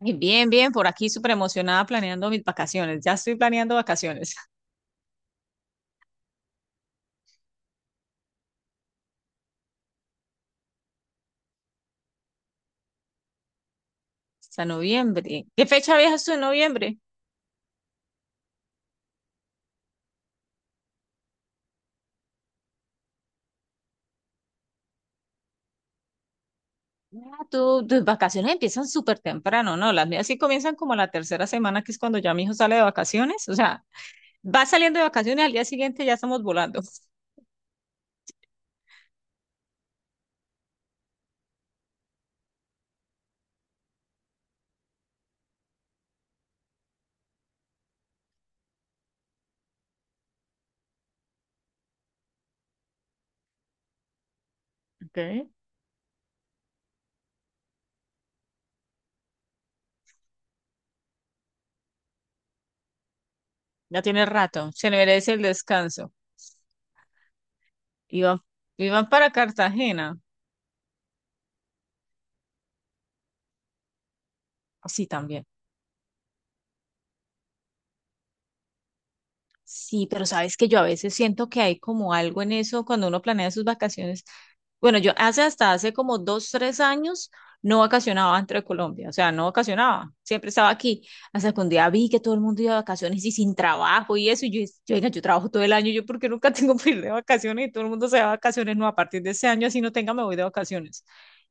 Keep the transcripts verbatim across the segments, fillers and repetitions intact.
Ay, bien, bien, por aquí súper emocionada planeando mis vacaciones. Ya estoy planeando vacaciones hasta noviembre. ¿Qué fecha viajas tú en noviembre? Ah, tú- tus vacaciones empiezan súper temprano, ¿no? Las mías sí comienzan como la tercera semana, que es cuando ya mi hijo sale de vacaciones. O sea, va saliendo de vacaciones, al día siguiente ya estamos volando. Okay. Ya tiene rato, se merece el descanso. Iban, iban para Cartagena. Sí, también. Sí, pero sabes que yo a veces siento que hay como algo en eso cuando uno planea sus vacaciones. Bueno, yo hace hasta hace como dos, tres años no vacacionaba dentro de Colombia, o sea, no vacacionaba, siempre estaba aquí. Hasta que un día vi que todo el mundo iba de vacaciones y sin trabajo y eso, y yo, dije, yo, venga, yo trabajo todo el año, yo porque nunca tengo que ir de vacaciones y todo el mundo se va de vacaciones, no, a partir de este año así no tenga, me voy de vacaciones.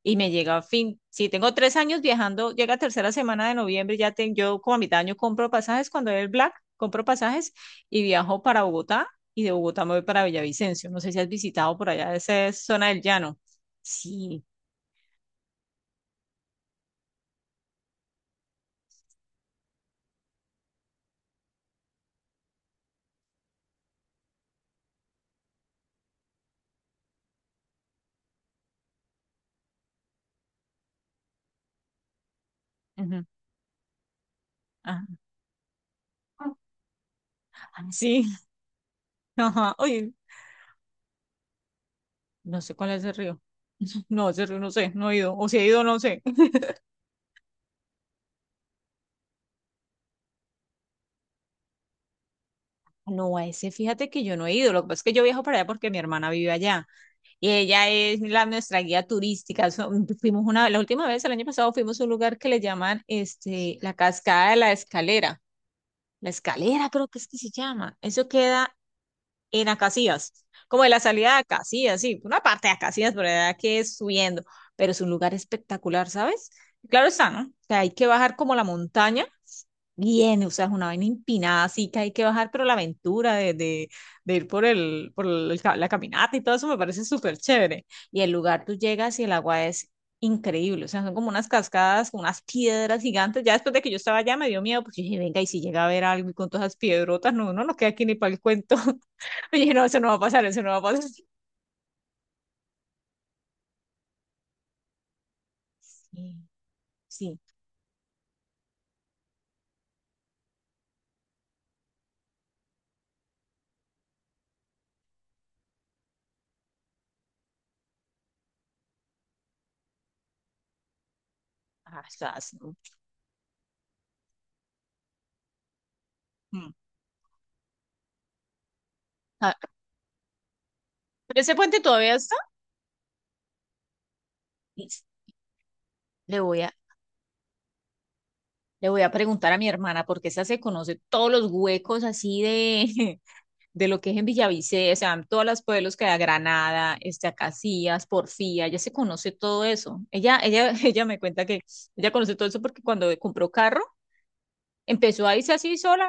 Y me llega a fin, si tengo tres años viajando, llega tercera semana de noviembre, ya tengo, yo como a mitad de año compro pasajes cuando es el Black, compro pasajes y viajo para Bogotá y de Bogotá me voy para Villavicencio. No sé si has visitado por allá, esa es zona del llano. Sí. Ujú. Ajá, ah, sí. Ajá. Oye, no sé cuál es el río. No, ese río no sé, no he ido. O si he ido, no sé. No, a ese fíjate que yo no he ido. Lo que pasa es que yo viajo para allá porque mi hermana vive allá. Y ella es la, nuestra guía turística. So- fuimos una, la última vez, el año pasado, fuimos a un lugar que le llaman este, la Cascada de la Escalera. La Escalera creo que es que se llama. Eso queda en Acacías, como de la salida de Acacías, sí, una parte de Acacías, pero verdad que es subiendo, pero es un lugar espectacular, ¿sabes? Claro está, ¿no? Que hay que bajar como la montaña, bien, o sea, es una vaina empinada, así que hay que bajar, pero la aventura de, de, de ir por el, por el ca- la caminata y todo eso me parece súper chévere. Y el lugar tú llegas y el agua es increíble, o sea, son como unas cascadas, como unas piedras gigantes. Ya después de que yo estaba allá me dio miedo, porque dije, venga, y si llega a ver algo y con todas esas piedrotas, no, no nos queda aquí ni para el cuento. Y dije, no, eso no va a pasar, eso no va a pasar. Sí, sí. Ah, estás, ¿no? Mm. Ah, pero ese puente todavía está. Listo. Le voy a, le voy a preguntar a mi hermana, porque esa se conoce todos los huecos así de, de lo que es en Villavicencio, o sea, todos los pueblos que hay, Granada, este, Acacías, Porfía, ella se conoce todo eso. Ella, ella, ella me cuenta que ella conoce todo eso porque cuando compró carro, empezó a irse así sola,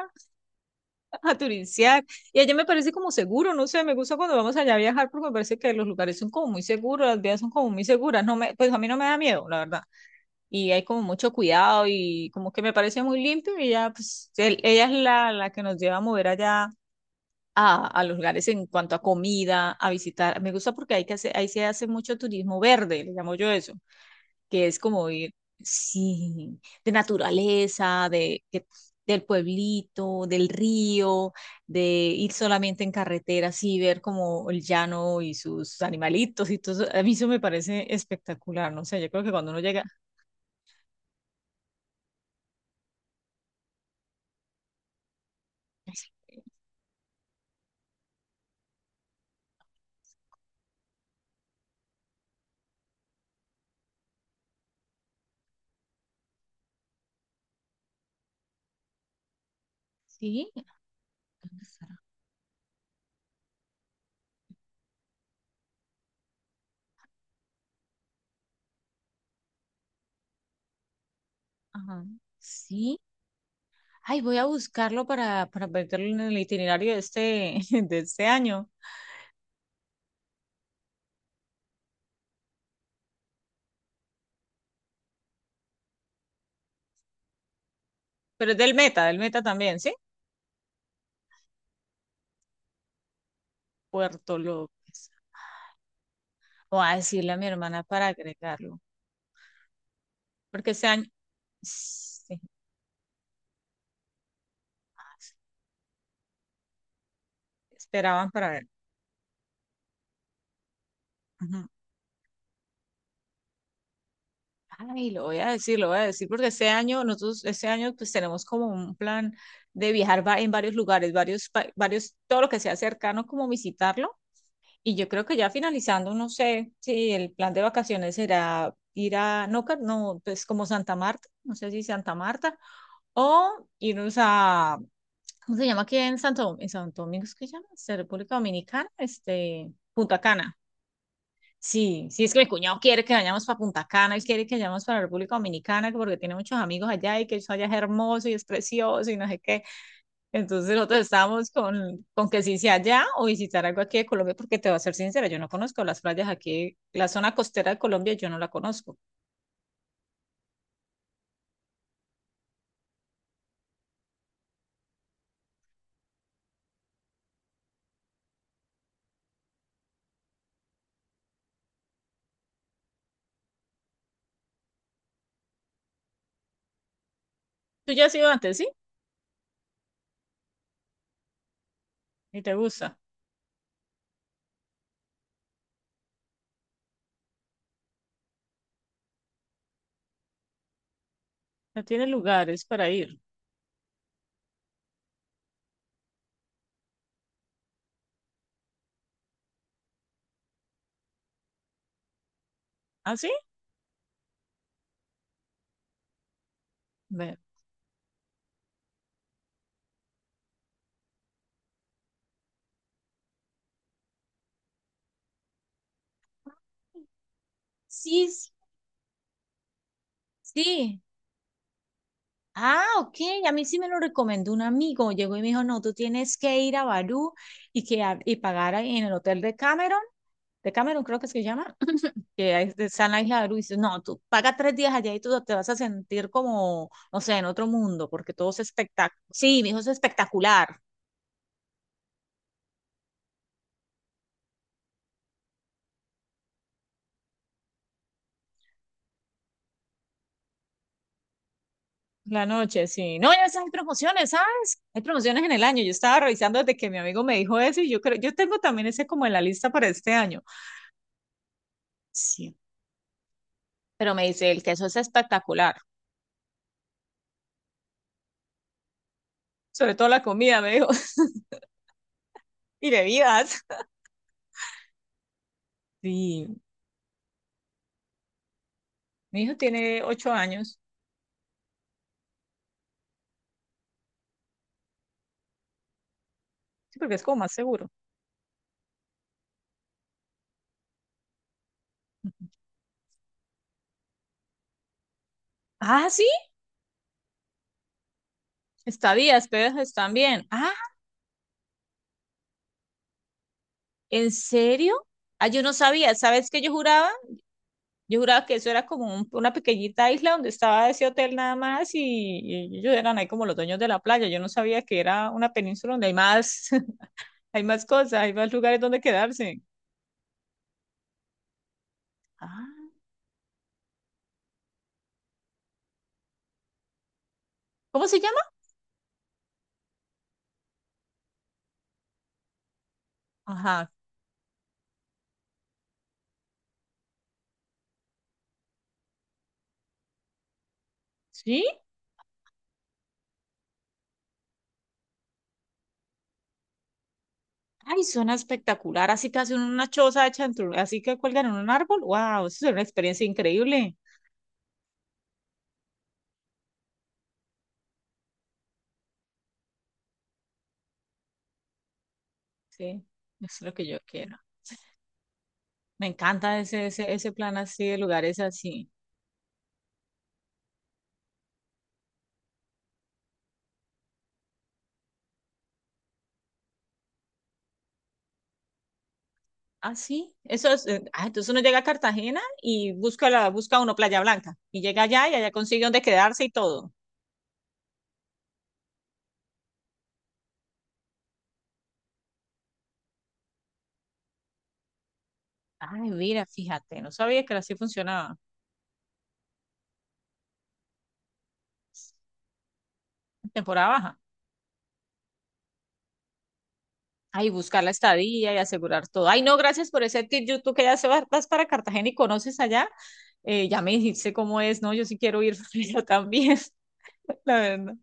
a turistear. Y allá me parece como seguro, no sé, me gusta cuando vamos allá a viajar porque me parece que los lugares son como muy seguros, las vías son como muy seguras, no me, pues a mí no me da miedo, la verdad. Y hay como mucho cuidado y como que me parece muy limpio y ya, pues él- ella es la, la que nos lleva a mover allá. A, a los lugares en cuanto a comida, a visitar. Me gusta porque hay que hacer, ahí se hace mucho turismo verde, le llamo yo eso que es como ir, sí, de naturaleza, de, de- del pueblito, del río, de ir solamente en carretera, así ver como el llano y sus animalitos y todo eso. A mí eso me parece espectacular, no sé, yo creo que cuando uno llega, sí, ¿dónde estará? Ajá, sí. Ay, voy a buscarlo para, para meterlo en el itinerario de este, de este año. Pero es del Meta, del Meta también, ¿sí? Puerto López. Voy a decirle a mi hermana para agregarlo. Porque ese año sí, esperaban para ver. Ujú. Ay, lo voy a decir, lo voy a decir, porque ese año, nosotros, ese año, pues tenemos como un plan de viajar va- en varios lugares, varios, pa- varios, todo lo que sea cercano, como visitarlo. Y yo creo que ya finalizando, no sé si el plan de vacaciones será ir a, no, Car- no, pues como Santa Marta, no sé si Santa Marta, o irnos a, ¿cómo se llama aquí en Santo, en Santo Domingo? ¿Es que se llama? ¿Es República Dominicana, este, Punta Cana? Sí, sí, es que mi cuñado quiere que vayamos para Punta Cana, él quiere que vayamos para la República Dominicana, que porque tiene muchos amigos allá y que eso allá es hermoso y es precioso y no sé qué. Entonces nosotros estábamos con, con que si sea allá o visitar algo aquí de Colombia, porque te voy a ser sincera, yo no conozco las playas aquí, la zona costera de Colombia, yo no la conozco. ¿Tú ya has ido antes, sí? ¿Y te gusta? ¿No tienes lugares para ir? ¿Ah, sí? Ve. Sí, sí. Ah, ok, a mí sí me lo recomendó un amigo. Llegó y me dijo, no, tú tienes que ir a Barú y, que, a- y pagar ahí en el hotel de Cameron, de Cameron creo que es que se llama, que ahí está en la isla de Barú. Y dice, no, tú paga tres días allá y tú te vas a sentir como, no sé, en otro mundo, porque todo es espectacular. Sí, mi hijo es espectacular. La noche, sí. No, ya ves, hay promociones, ¿sabes? Hay promociones en el año. Yo estaba revisando desde que mi amigo me dijo eso y yo creo, yo tengo también ese como en la lista para este año. Sí. Pero me dice, el queso es espectacular. Sobre todo la comida, me dijo. Y bebidas. Sí, mi hijo tiene ocho años. Sí, porque es como más seguro. Ah, sí. Estadías, pero están bien. Ah, ¿en serio? Ah, yo no sabía. ¿Sabes qué yo juraba? Yo juraba que eso era como un- una pequeñita isla donde estaba ese hotel nada más y, y ellos eran ahí como los dueños de la playa. Yo no sabía que era una península donde hay más, hay más cosas, hay más lugares donde quedarse. Ah, ¿cómo se llama? Ajá. ¿Sí? Ay, suena espectacular. Así que hacen una choza hecha en tu- así que cuelgan en un árbol. Wow, eso es una experiencia increíble. Sí, eso es lo que yo quiero. Me encanta ese, ese, ese plan así de lugares así. Ah, sí. Eso es, eh, ah, entonces uno llega a Cartagena y busca la, busca uno Playa Blanca. Y llega allá y allá consigue donde quedarse y todo. Ay, mira, fíjate, no sabía que así funcionaba. Temporada baja. Ay, buscar la estadía y asegurar todo. Ay, no, gracias por ese tip. Yo, tú que ya se va- vas para Cartagena y conoces allá, eh, ya me dijiste cómo es, ¿no? Yo sí quiero ir yo también, la verdad.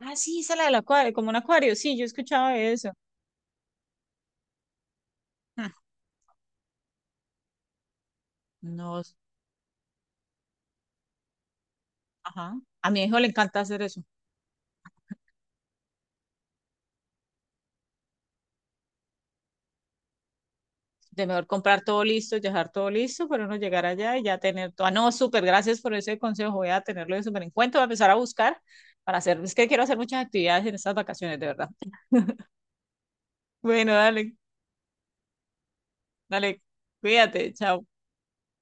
Ah, sí, esa la del acuario, como un acuario. Sí, yo escuchaba de eso. Mm. No, ajá. A mi hijo le encanta hacer eso. De mejor comprar todo listo, dejar todo listo, pero no llegar allá y ya tener todo. Ah, no, súper, gracias por ese consejo. Voy a tenerlo de súper en cuenta. Voy a empezar a buscar para hacer. Es que quiero hacer muchas actividades en estas vacaciones, de verdad. Bueno, dale. Dale, cuídate, chao.